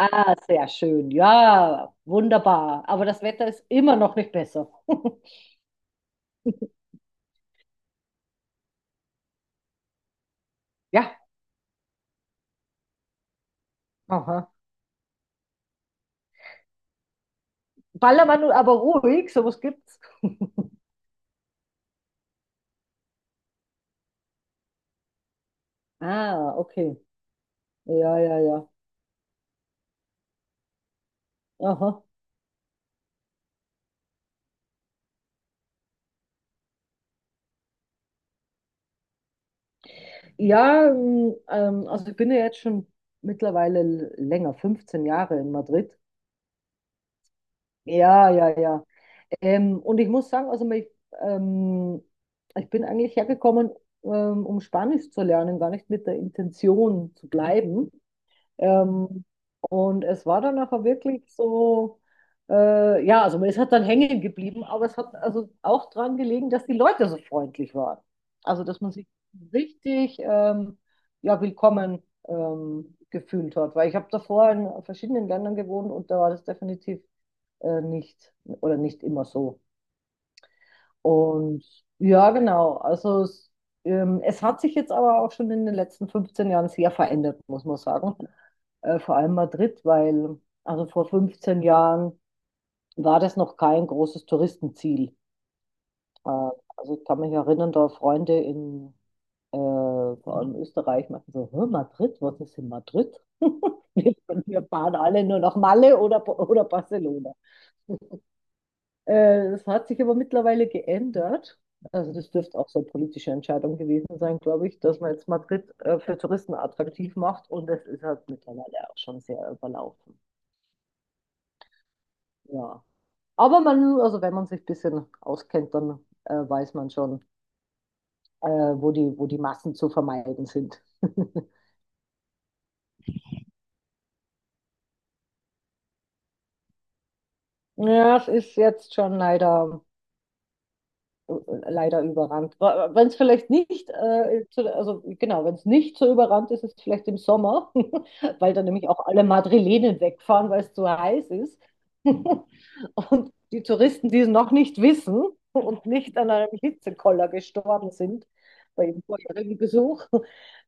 Ah, sehr schön. Ja, wunderbar. Aber das Wetter ist immer noch nicht besser. Ja, aha. Ballermann, aber ruhig, sowas gibt's. Ah, okay. Ja, ja, ja. Aha. Ja, also ich bin ja jetzt schon mittlerweile länger, 15 Jahre in Madrid. Ja, ja, ja. Und ich muss sagen, ähm, ich bin eigentlich hergekommen, um Spanisch zu lernen, gar nicht mit der Intention zu bleiben. Ähm, und es war dann nachher wirklich so, ja, also es hat dann hängen geblieben, aber es hat also auch dran gelegen, dass die Leute so freundlich waren. Also, dass man sich richtig ja, willkommen gefühlt hat. Weil ich habe davor in verschiedenen Ländern gewohnt und da war das definitiv nicht oder nicht immer so. Und ja, genau. Also es, es hat sich jetzt aber auch schon in den letzten 15 Jahren sehr verändert, muss man sagen, vor allem Madrid, weil also vor 15 Jahren war das noch kein großes Touristenziel. Äh, also ich kann mich erinnern, da Freunde in, vor allem Österreich, meinten so: "Hä, Madrid, was ist in Madrid?" Wir, wir fahren alle nur nach Malle oder Barcelona. Das hat sich aber mittlerweile geändert. Also das dürfte auch so eine politische Entscheidung gewesen sein, glaube ich, dass man jetzt Madrid, für Touristen attraktiv macht, und es ist halt mittlerweile auch schon sehr überlaufen. Ja. Aber man, also wenn man sich ein bisschen auskennt, dann weiß man schon, wo die Massen zu vermeiden sind. Ja, es ist jetzt schon leider überrannt. Wenn es vielleicht nicht, also genau, wenn es nicht so überrannt ist, ist es vielleicht im Sommer, weil dann nämlich auch alle Madrilenen wegfahren, weil es zu heiß ist. Und die Touristen, die es noch nicht wissen und nicht an einem Hitzekoller gestorben sind bei ihrem vorherigen Besuch,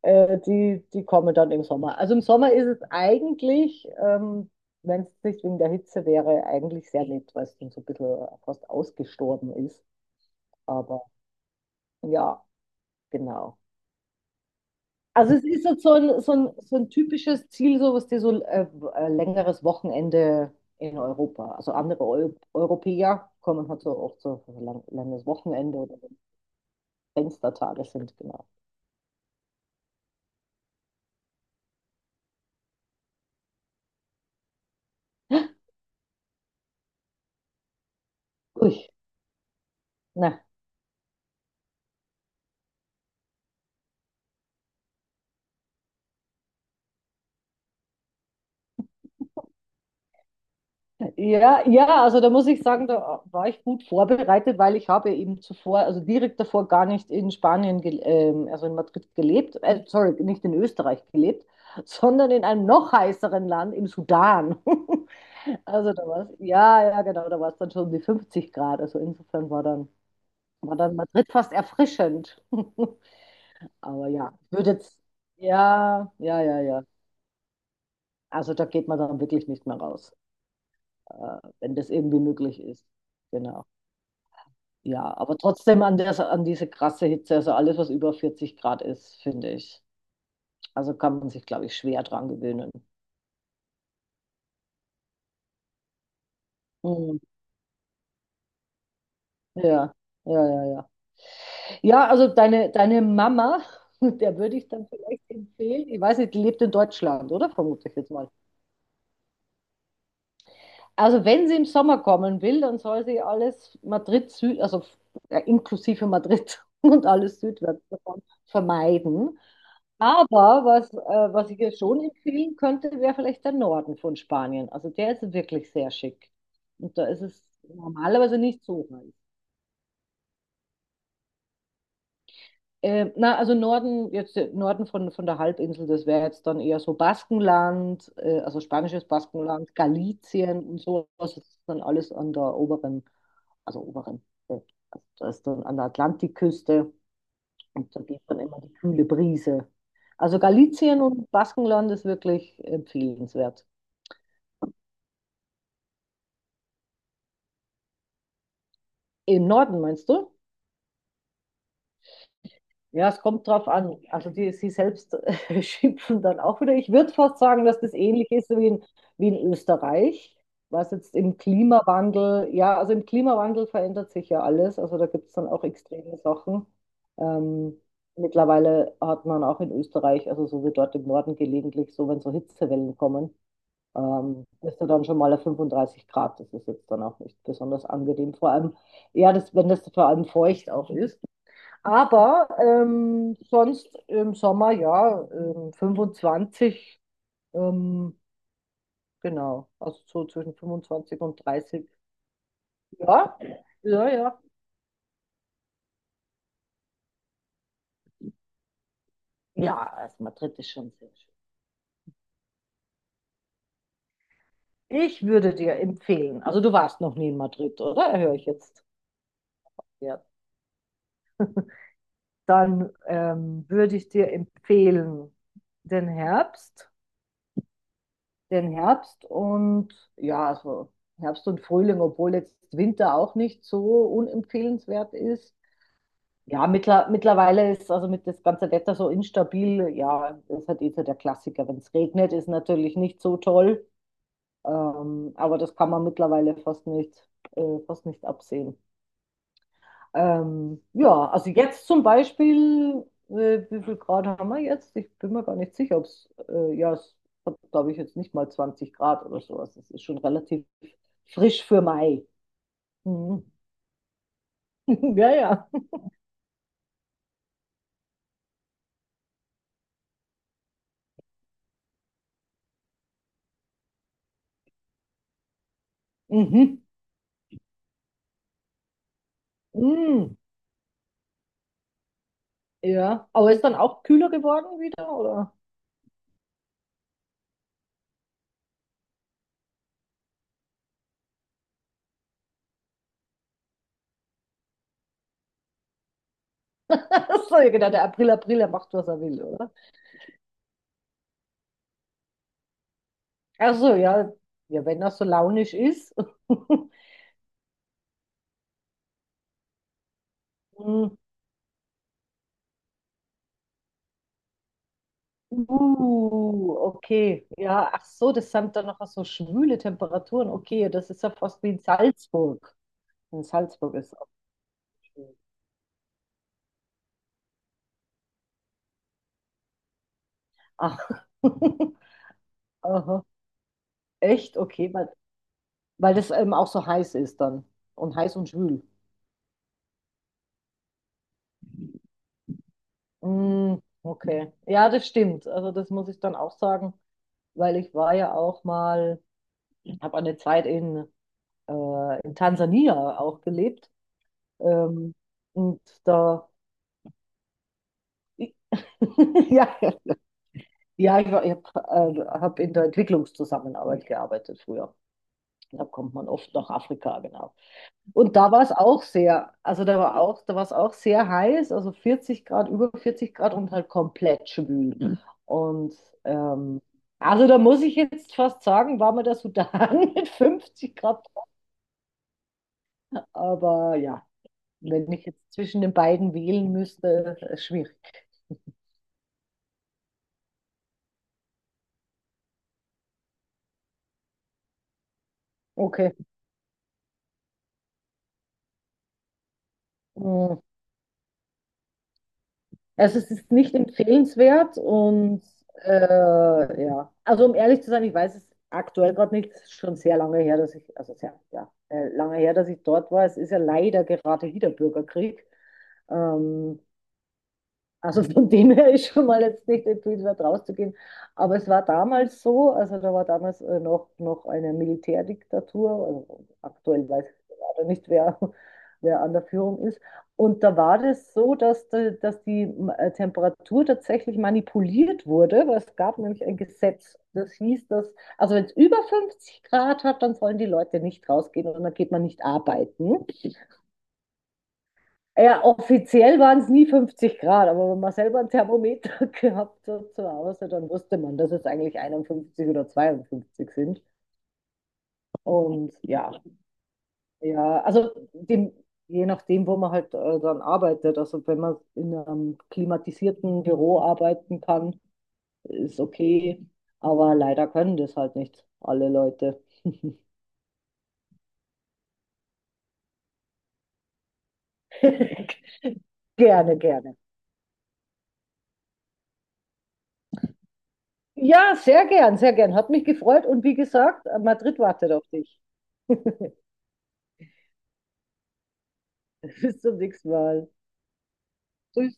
die kommen dann im Sommer. Also im Sommer ist es eigentlich, wenn es nicht wegen der Hitze wäre, eigentlich sehr nett, weil es dann so ein bisschen fast ausgestorben ist. Aber ja, genau. Also es ist jetzt so ein, so ein typisches Ziel, so was die so längeres Wochenende in Europa. Also andere Eu Europäer kommen halt so oft so für ein langes Wochenende oder wenn Fenstertage sind, genau. Ui, na. Ja, ja, also da muss ich sagen, da war ich gut vorbereitet, weil ich habe eben zuvor, also direkt davor, gar nicht in also in Madrid gelebt, sorry, nicht in Österreich gelebt, sondern in einem noch heißeren Land, im Sudan. Also da war's, ja, ja, genau, da war es dann schon um die 50 Grad. Also insofern war dann Madrid fast erfrischend. Aber ja, ich würde jetzt, ja, ja, ja, ja. Also da geht man dann wirklich nicht mehr raus, äh, wenn das irgendwie möglich ist. Genau. Ja, aber trotzdem an diese krasse Hitze, also alles, was über 40 Grad ist, finde ich. Also kann man sich, glaube ich, schwer dran gewöhnen. Mhm. Ja, ja, ja, ja. Ja, also deine Mama, der würde ich dann vielleicht empfehlen, ich weiß nicht, die lebt in Deutschland, oder? Vermute ich jetzt mal. Also wenn sie im Sommer kommen will, dann soll sie alles Madrid Süd, also ja, inklusive Madrid, und alles südwärts davon vermeiden. Aber was, äh, Was ich ihr schon empfehlen könnte, wäre vielleicht der Norden von Spanien. Also der ist wirklich sehr schick. Und da ist es normalerweise nicht so heiß. Na, also Norden, jetzt, Norden von der Halbinsel, das wäre jetzt dann eher so Baskenland, also spanisches Baskenland, Galicien und so. Das ist dann alles an der also oberen, also das ist dann an der Atlantikküste, und da geht dann immer die kühle Brise. Also Galicien und Baskenland ist wirklich empfehlenswert. Im Norden, meinst du? Ja, es kommt drauf an. Also die, sie selbst schimpfen dann auch wieder. Ich würde fast sagen, dass das ähnlich ist wie wie in Österreich, was jetzt im Klimawandel, ja, also im Klimawandel verändert sich ja alles. Also da gibt es dann auch extreme Sachen. Ähm, mittlerweile hat man auch in Österreich, also so wie dort im Norden gelegentlich, so wenn so Hitzewellen kommen, bist du dann schon mal auf 35 Grad. Das ist jetzt dann auch nicht besonders angenehm. Vor allem, wenn das vor allem feucht auch ist. Aber sonst im Sommer, ja, 25, ähm, genau, also so zwischen 25 und 30. Ja, ja, ja. Ja, also Madrid ist schon sehr schön. Ich würde dir empfehlen, also du warst noch nie in Madrid, oder? Höre ich jetzt. Ja. Dann würde ich dir empfehlen, den Herbst, den Herbst und ja, also Herbst und Frühling, obwohl jetzt Winter auch nicht so unempfehlenswert ist. Ja, mittlerweile ist also mit das ganze Wetter so instabil. Ja, das ist halt eh so der Klassiker. Wenn es regnet, ist natürlich nicht so toll. Aber das kann man mittlerweile fast nicht absehen. Ja, also jetzt zum Beispiel, wie viel Grad haben wir jetzt? Ich bin mir gar nicht sicher, ob ja, es hat, glaube ich, jetzt nicht mal 20 Grad oder sowas. Es ist schon relativ frisch für Mai. Mhm. Ja, ja. Mhm. Mhm. Ja, aber ist dann auch kühler geworden wieder, oder? Ach so, ja, genau, der April, April, er macht, was er will, oder? Achso, ja, ja, wenn er so launisch ist. Hm. Okay, ja, ach so, das sind dann noch so schwüle Temperaturen. Okay, ja, das ist ja fast wie in Salzburg. In Salzburg ist es auch schwül. Ach, aha, echt? Okay, weil das eben auch so heiß ist dann. Und heiß und schwül. Mm, okay, ja, das stimmt. Also das muss ich dann auch sagen, weil ich war ja auch mal, habe eine Zeit in Tansania auch gelebt. Ähm, und da, ja, ich habe, hab in der Entwicklungszusammenarbeit gearbeitet früher. Da kommt man oft nach Afrika, genau. Und da war es auch sehr, Also da war auch, da war es auch sehr heiß, also 40 Grad, über 40 Grad und halt komplett schwül. Mhm. Und ähm, also da muss ich jetzt fast sagen, war mir der Sudan mit 50 Grad, aber ja. Wenn ich jetzt zwischen den beiden wählen müsste, schwierig. Okay. Mm. Also es ist nicht empfehlenswert, und ja. Also um ehrlich zu sein, ich weiß es aktuell gerade nicht. Es ist schon sehr lange her, also sehr, lange her, dass ich dort war. Es ist ja leider gerade wieder Bürgerkrieg. Ähm, Also von dem her ist schon mal jetzt nicht empfehlenswert rauszugehen. Aber es war damals so, also da war damals, noch eine Militärdiktatur. Also aktuell weiß ich leider nicht, wer, wer an der Führung ist. Und da war das so, dass die, Temperatur tatsächlich manipuliert wurde, weil es gab nämlich ein Gesetz, das hieß, dass, also wenn es über 50 Grad hat, dann sollen die Leute nicht rausgehen und dann geht man nicht arbeiten. Ja, offiziell waren es nie 50 Grad, aber wenn man selber ein Thermometer gehabt hat zu Hause, dann wusste man, dass es eigentlich 51 oder 52 sind. Und ja, ja, also dem, je nachdem, wo man halt dann arbeitet. Also wenn man in einem klimatisierten Büro arbeiten kann, ist okay. Aber leider können das halt nicht alle Leute. Gerne, gerne. Ja, sehr gern, sehr gern. Hat mich gefreut und wie gesagt, Madrid wartet auf dich. Bis zum nächsten Mal. Tschüss.